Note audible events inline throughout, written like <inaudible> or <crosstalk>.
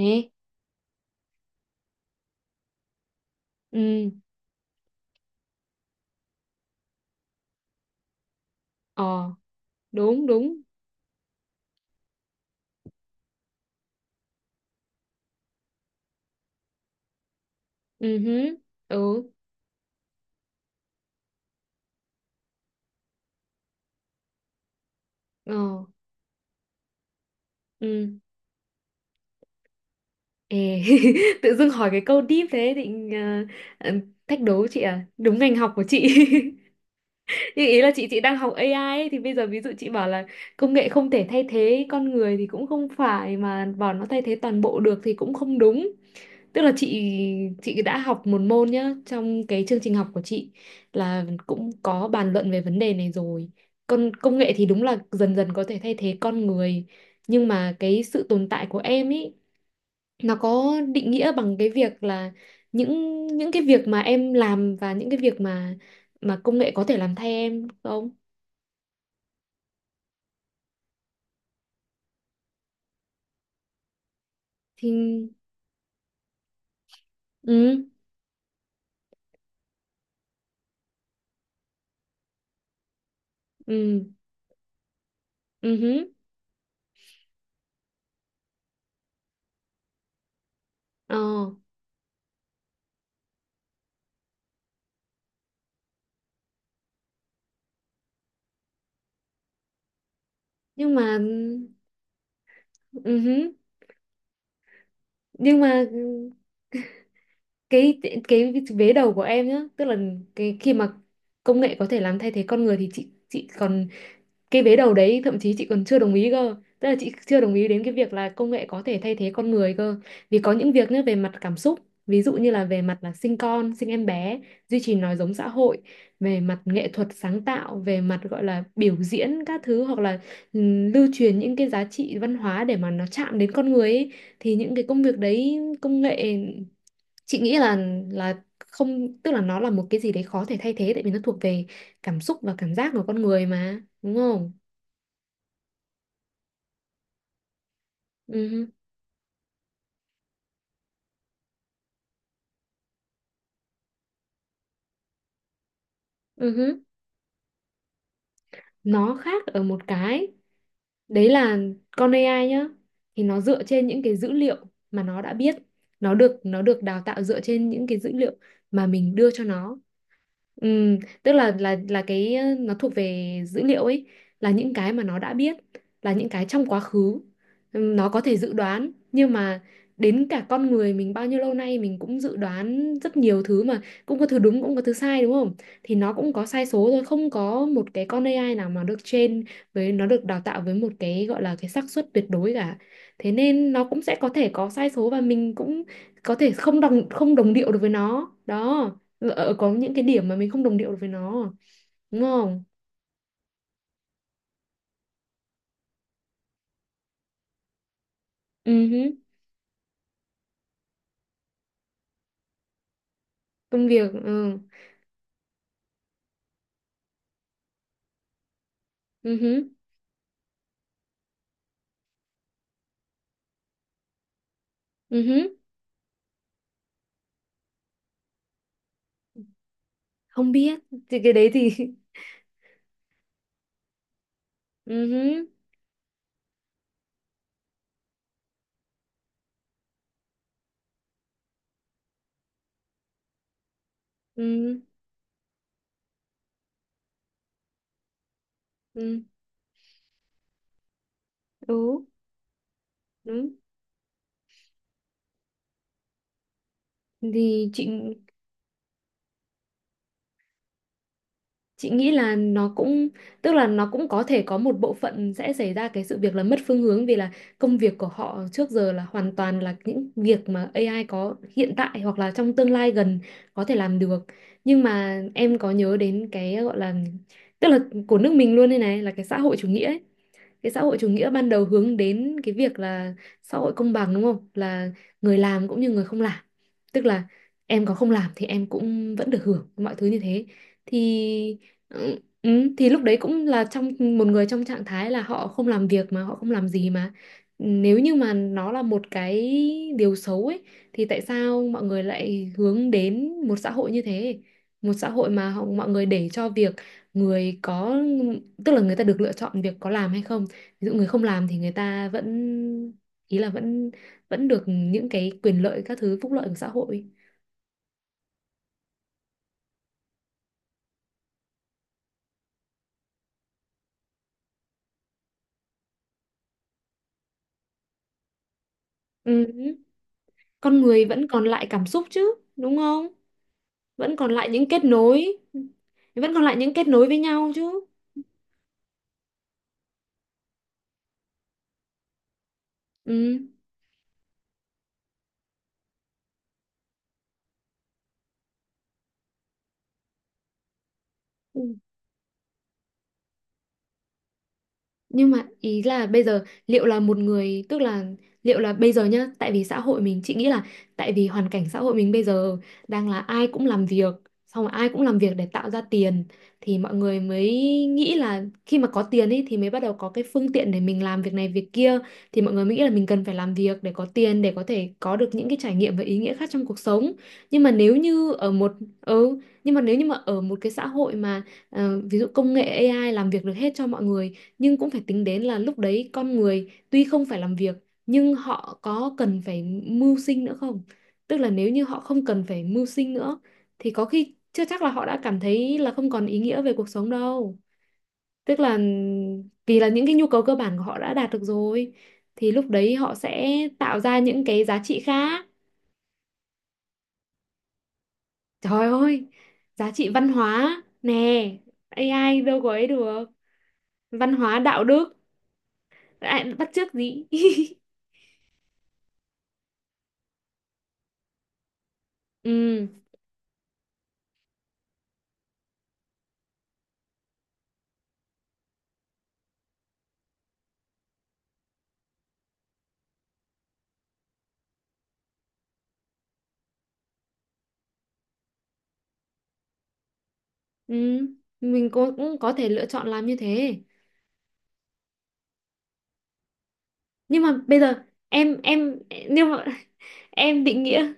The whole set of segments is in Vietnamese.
Nè ừ ờ đúng đúng ừ hứ, ừ ờ ừ Ê, <laughs> tự dưng hỏi cái câu deep thế ờ, thách đố chị à, đúng ngành học của chị. <laughs> Nhưng ý là chị đang học AI ấy, thì bây giờ ví dụ chị bảo là công nghệ không thể thay thế con người thì cũng không phải, mà bảo nó thay thế toàn bộ được thì cũng không đúng. Tức là chị đã học một môn nhá, trong cái chương trình học của chị là cũng có bàn luận về vấn đề này rồi. Con công nghệ thì đúng là dần dần có thể thay thế con người, nhưng mà cái sự tồn tại của em ý, nó có định nghĩa bằng cái việc là những cái việc mà em làm, và những cái việc mà công nghệ có thể làm thay em không? Thì ừ ừ ừ hứ, ờ nhưng mà ừ hứ, nhưng mà ừ, cái cái vế đầu của em nhá, tức là cái khi mà công nghệ có thể làm thay thế con người, thì chị còn cái vế đầu đấy thậm chí chị còn chưa đồng ý cơ. Tức là chị chưa đồng ý đến cái việc là công nghệ có thể thay thế con người cơ. Vì có những việc nhá, về mặt cảm xúc, ví dụ như là về mặt là sinh con sinh em bé, duy trì nói giống xã hội, về mặt nghệ thuật sáng tạo, về mặt gọi là biểu diễn các thứ, hoặc là lưu truyền những cái giá trị văn hóa để mà nó chạm đến con người ấy, thì những cái công việc đấy công nghệ, chị nghĩ là không, tức là nó là một cái gì đấy khó thể thay thế, tại vì nó thuộc về cảm xúc và cảm giác của con người mà, đúng không? ừ ừ nó khác ở một cái, đấy là con AI nhá, thì nó dựa trên những cái dữ liệu mà nó đã biết. Nó được đào tạo dựa trên những cái dữ liệu mà mình đưa cho nó. Ừ, tức là cái nó thuộc về dữ liệu ấy, là những cái mà nó đã biết, là những cái trong quá khứ. Nó có thể dự đoán, nhưng mà đến cả con người mình bao nhiêu lâu nay mình cũng dự đoán rất nhiều thứ mà cũng có thứ đúng cũng có thứ sai, đúng không? Thì nó cũng có sai số thôi, không có một cái con AI nào mà được train, với nó được đào tạo với một cái gọi là cái xác suất tuyệt đối cả. Thế nên nó cũng sẽ có thể có sai số, và mình cũng có thể không đồng điệu được với nó đó. Ờ, ờ, có những cái điểm mà mình không đồng điệu được với nó à? Đúng không ừ hứ, Công việc, ừ ừ hứ, ừ hứ. Không biết thì cái đấy thì <laughs> ừ hứ, ừ ừ ừ đúng thì chị nghĩ là nó cũng, tức là nó cũng có thể có một bộ phận sẽ xảy ra cái sự việc là mất phương hướng, vì là công việc của họ trước giờ là hoàn toàn là những việc mà AI có hiện tại hoặc là trong tương lai gần có thể làm được. Nhưng mà em có nhớ đến cái gọi là, tức là của nước mình luôn đây này, là cái xã hội chủ nghĩa ấy. Cái xã hội chủ nghĩa ban đầu hướng đến cái việc là xã hội công bằng, đúng không, là người làm cũng như người không làm. Tức là em có không làm thì em cũng vẫn được hưởng mọi thứ như thế. Thì thì lúc đấy cũng là trong một người trong trạng thái là họ không làm việc mà họ không làm gì. Mà nếu như mà nó là một cái điều xấu ấy, thì tại sao mọi người lại hướng đến một xã hội như thế? Một xã hội mà họ, mọi người để cho việc người có, tức là người ta được lựa chọn việc có làm hay không. Ví dụ người không làm thì người ta vẫn, ý là vẫn vẫn được những cái quyền lợi, các thứ phúc lợi của xã hội. Ừ. Con người vẫn còn lại cảm xúc chứ, đúng không? Vẫn còn lại những kết nối, vẫn còn lại những kết nối với nhau chứ. Ừ. Nhưng mà ý là bây giờ liệu là một người, tức là liệu là bây giờ nhá, tại vì xã hội mình chị nghĩ là, tại vì hoàn cảnh xã hội mình bây giờ đang là ai cũng làm việc, xong rồi ai cũng làm việc để tạo ra tiền, thì mọi người mới nghĩ là khi mà có tiền ấy thì mới bắt đầu có cái phương tiện để mình làm việc này việc kia. Thì mọi người mới nghĩ là mình cần phải làm việc để có tiền, để có thể có được những cái trải nghiệm và ý nghĩa khác trong cuộc sống. Nhưng mà nếu như ở một, ừ, nhưng mà nếu như mà ở một cái xã hội mà, ví dụ công nghệ AI làm việc được hết cho mọi người, nhưng cũng phải tính đến là lúc đấy con người tuy không phải làm việc, nhưng họ có cần phải mưu sinh nữa không? Tức là nếu như họ không cần phải mưu sinh nữa, thì có khi chưa chắc là họ đã cảm thấy là không còn ý nghĩa về cuộc sống đâu. Tức là vì là những cái nhu cầu cơ bản của họ đã đạt được rồi, thì lúc đấy họ sẽ tạo ra những cái giá trị khác. Trời ơi, giá trị văn hóa nè, AI đâu có ấy được. Văn hóa đạo đức, à, bắt chước gì? <laughs> Ừ. Ừ, mình cũng cũng có thể lựa chọn làm như thế. Nhưng mà bây giờ em em nhưng mà <laughs> em định nghĩa,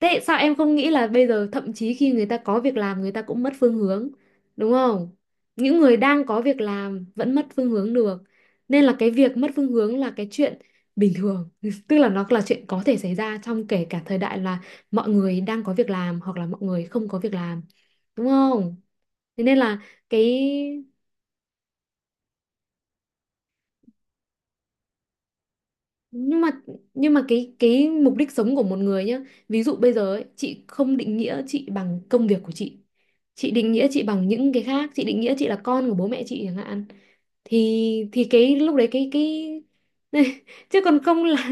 thế sao em không nghĩ là bây giờ thậm chí khi người ta có việc làm người ta cũng mất phương hướng, đúng không? Những người đang có việc làm vẫn mất phương hướng được. Nên là cái việc mất phương hướng là cái chuyện bình thường, <laughs> tức là nó là chuyện có thể xảy ra trong kể cả thời đại là mọi người đang có việc làm hoặc là mọi người không có việc làm, đúng không? Thế nên là cái, nhưng mà, cái mục đích sống của một người nhá, ví dụ bây giờ ấy, chị không định nghĩa chị bằng công việc của chị. Chị định nghĩa chị bằng những cái khác, chị định nghĩa chị là con của bố mẹ chị chẳng hạn. Thì cái lúc đấy cái <laughs> chứ còn không là,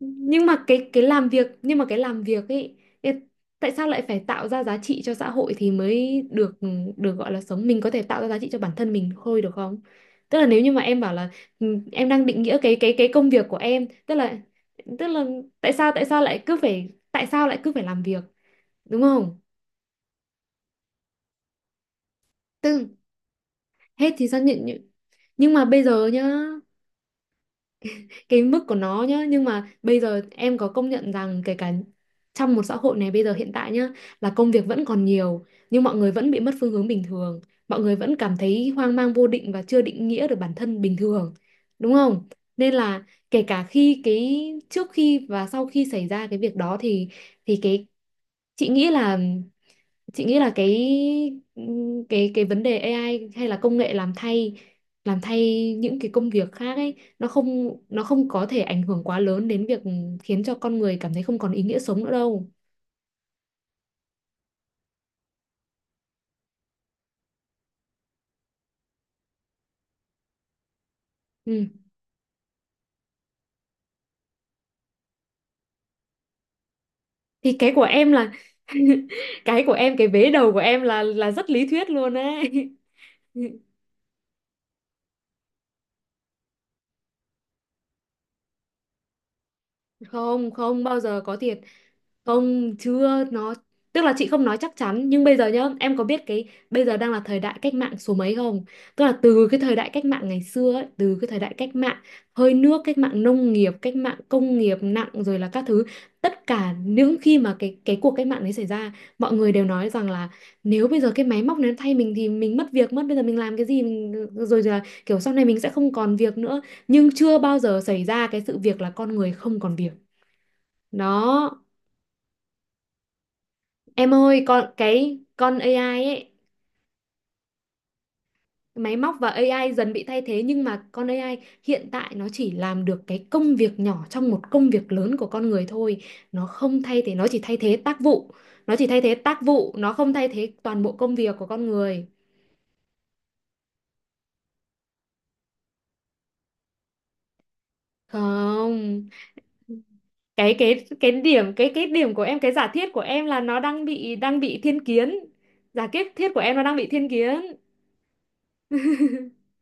nhưng mà cái làm việc, nhưng mà cái làm việc ấy, ê, tại sao lại phải tạo ra giá trị cho xã hội thì mới được được gọi là sống? Mình có thể tạo ra giá trị cho bản thân mình thôi được không? Tức là nếu như mà em bảo là, ừ, em đang định nghĩa cái công việc của em, tức là, tức là tại sao lại cứ phải tại sao lại cứ phải làm việc, đúng không? Tức hết thì sao nhận? Nhưng mà bây giờ nhá, cái mức của nó nhá, nhưng mà bây giờ em có công nhận rằng kể cả trong một xã hội này bây giờ hiện tại nhá, là công việc vẫn còn nhiều nhưng mọi người vẫn bị mất phương hướng bình thường. Mọi người vẫn cảm thấy hoang mang vô định và chưa định nghĩa được bản thân bình thường, đúng không? Nên là kể cả khi cái trước khi và sau khi xảy ra cái việc đó thì cái, chị nghĩ là, chị nghĩ là cái cái vấn đề AI hay là công nghệ làm thay những cái công việc khác ấy, nó không, nó không có thể ảnh hưởng quá lớn đến việc khiến cho con người cảm thấy không còn ý nghĩa sống nữa đâu. Ừ. Thì cái của em là <laughs> cái của em, cái vế đầu của em là rất lý thuyết luôn ấy. <laughs> Không, không bao giờ có thiệt. Không, chưa, nó, tức là chị không nói chắc chắn, nhưng bây giờ nhá, em có biết cái bây giờ đang là thời đại cách mạng số mấy không? Tức là từ cái thời đại cách mạng ngày xưa ấy, từ cái thời đại cách mạng hơi nước, cách mạng nông nghiệp, cách mạng công nghiệp nặng rồi là các thứ, tất cả những khi mà cái cuộc cách mạng đấy xảy ra, mọi người đều nói rằng là nếu bây giờ cái máy móc này nó thay mình thì mình mất việc mất, bây giờ mình làm cái gì mình, rồi là kiểu sau này mình sẽ không còn việc nữa, nhưng chưa bao giờ xảy ra cái sự việc là con người không còn việc. Đó. Em ơi, con cái con AI ấy, máy móc và AI dần bị thay thế, nhưng mà con AI hiện tại nó chỉ làm được cái công việc nhỏ trong một công việc lớn của con người thôi. Nó không thay thế, nó chỉ thay thế tác vụ. Nó chỉ thay thế tác vụ, nó không thay thế toàn bộ công việc của con người. Không. Cái cái điểm, cái điểm của em, cái giả thiết của em là nó đang bị thiên kiến. Giả thiết thiết của em nó đang bị thiên kiến. <laughs>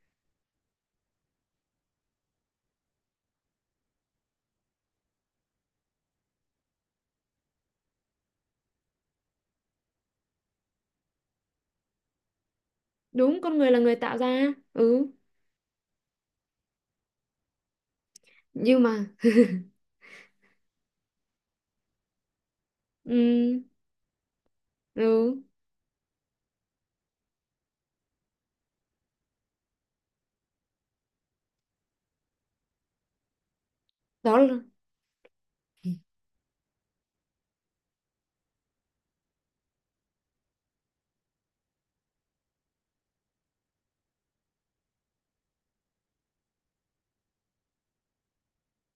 Đúng, con người là người tạo ra. Ừ, nhưng mà ừ. Ừ đó là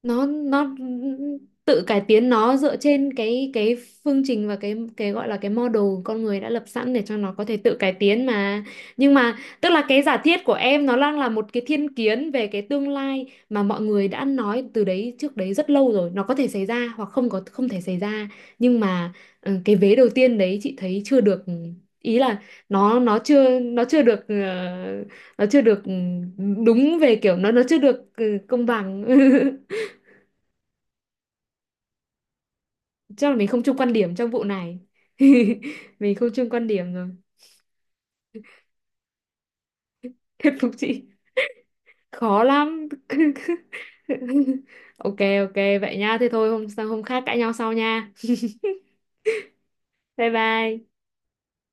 nó tự cải tiến nó dựa trên cái phương trình và cái gọi là cái model con người đã lập sẵn để cho nó có thể tự cải tiến mà. Nhưng mà tức là cái giả thiết của em nó đang là một cái thiên kiến về cái tương lai mà mọi người đã nói từ đấy trước đấy rất lâu rồi, nó có thể xảy ra hoặc không có không thể xảy ra. Nhưng mà, ừ, cái vế đầu tiên đấy chị thấy chưa được, ý là nó chưa, nó chưa được, đúng, về kiểu nó chưa được, công bằng. <laughs> Chắc là mình không chung quan điểm trong vụ này. <laughs> Mình không chung quan điểm rồi. <laughs> Thuyết phục chị khó lắm. <laughs> Ok ok, vậy nha, thế thôi, hôm hôm khác cãi nhau sau nha. Bye bye.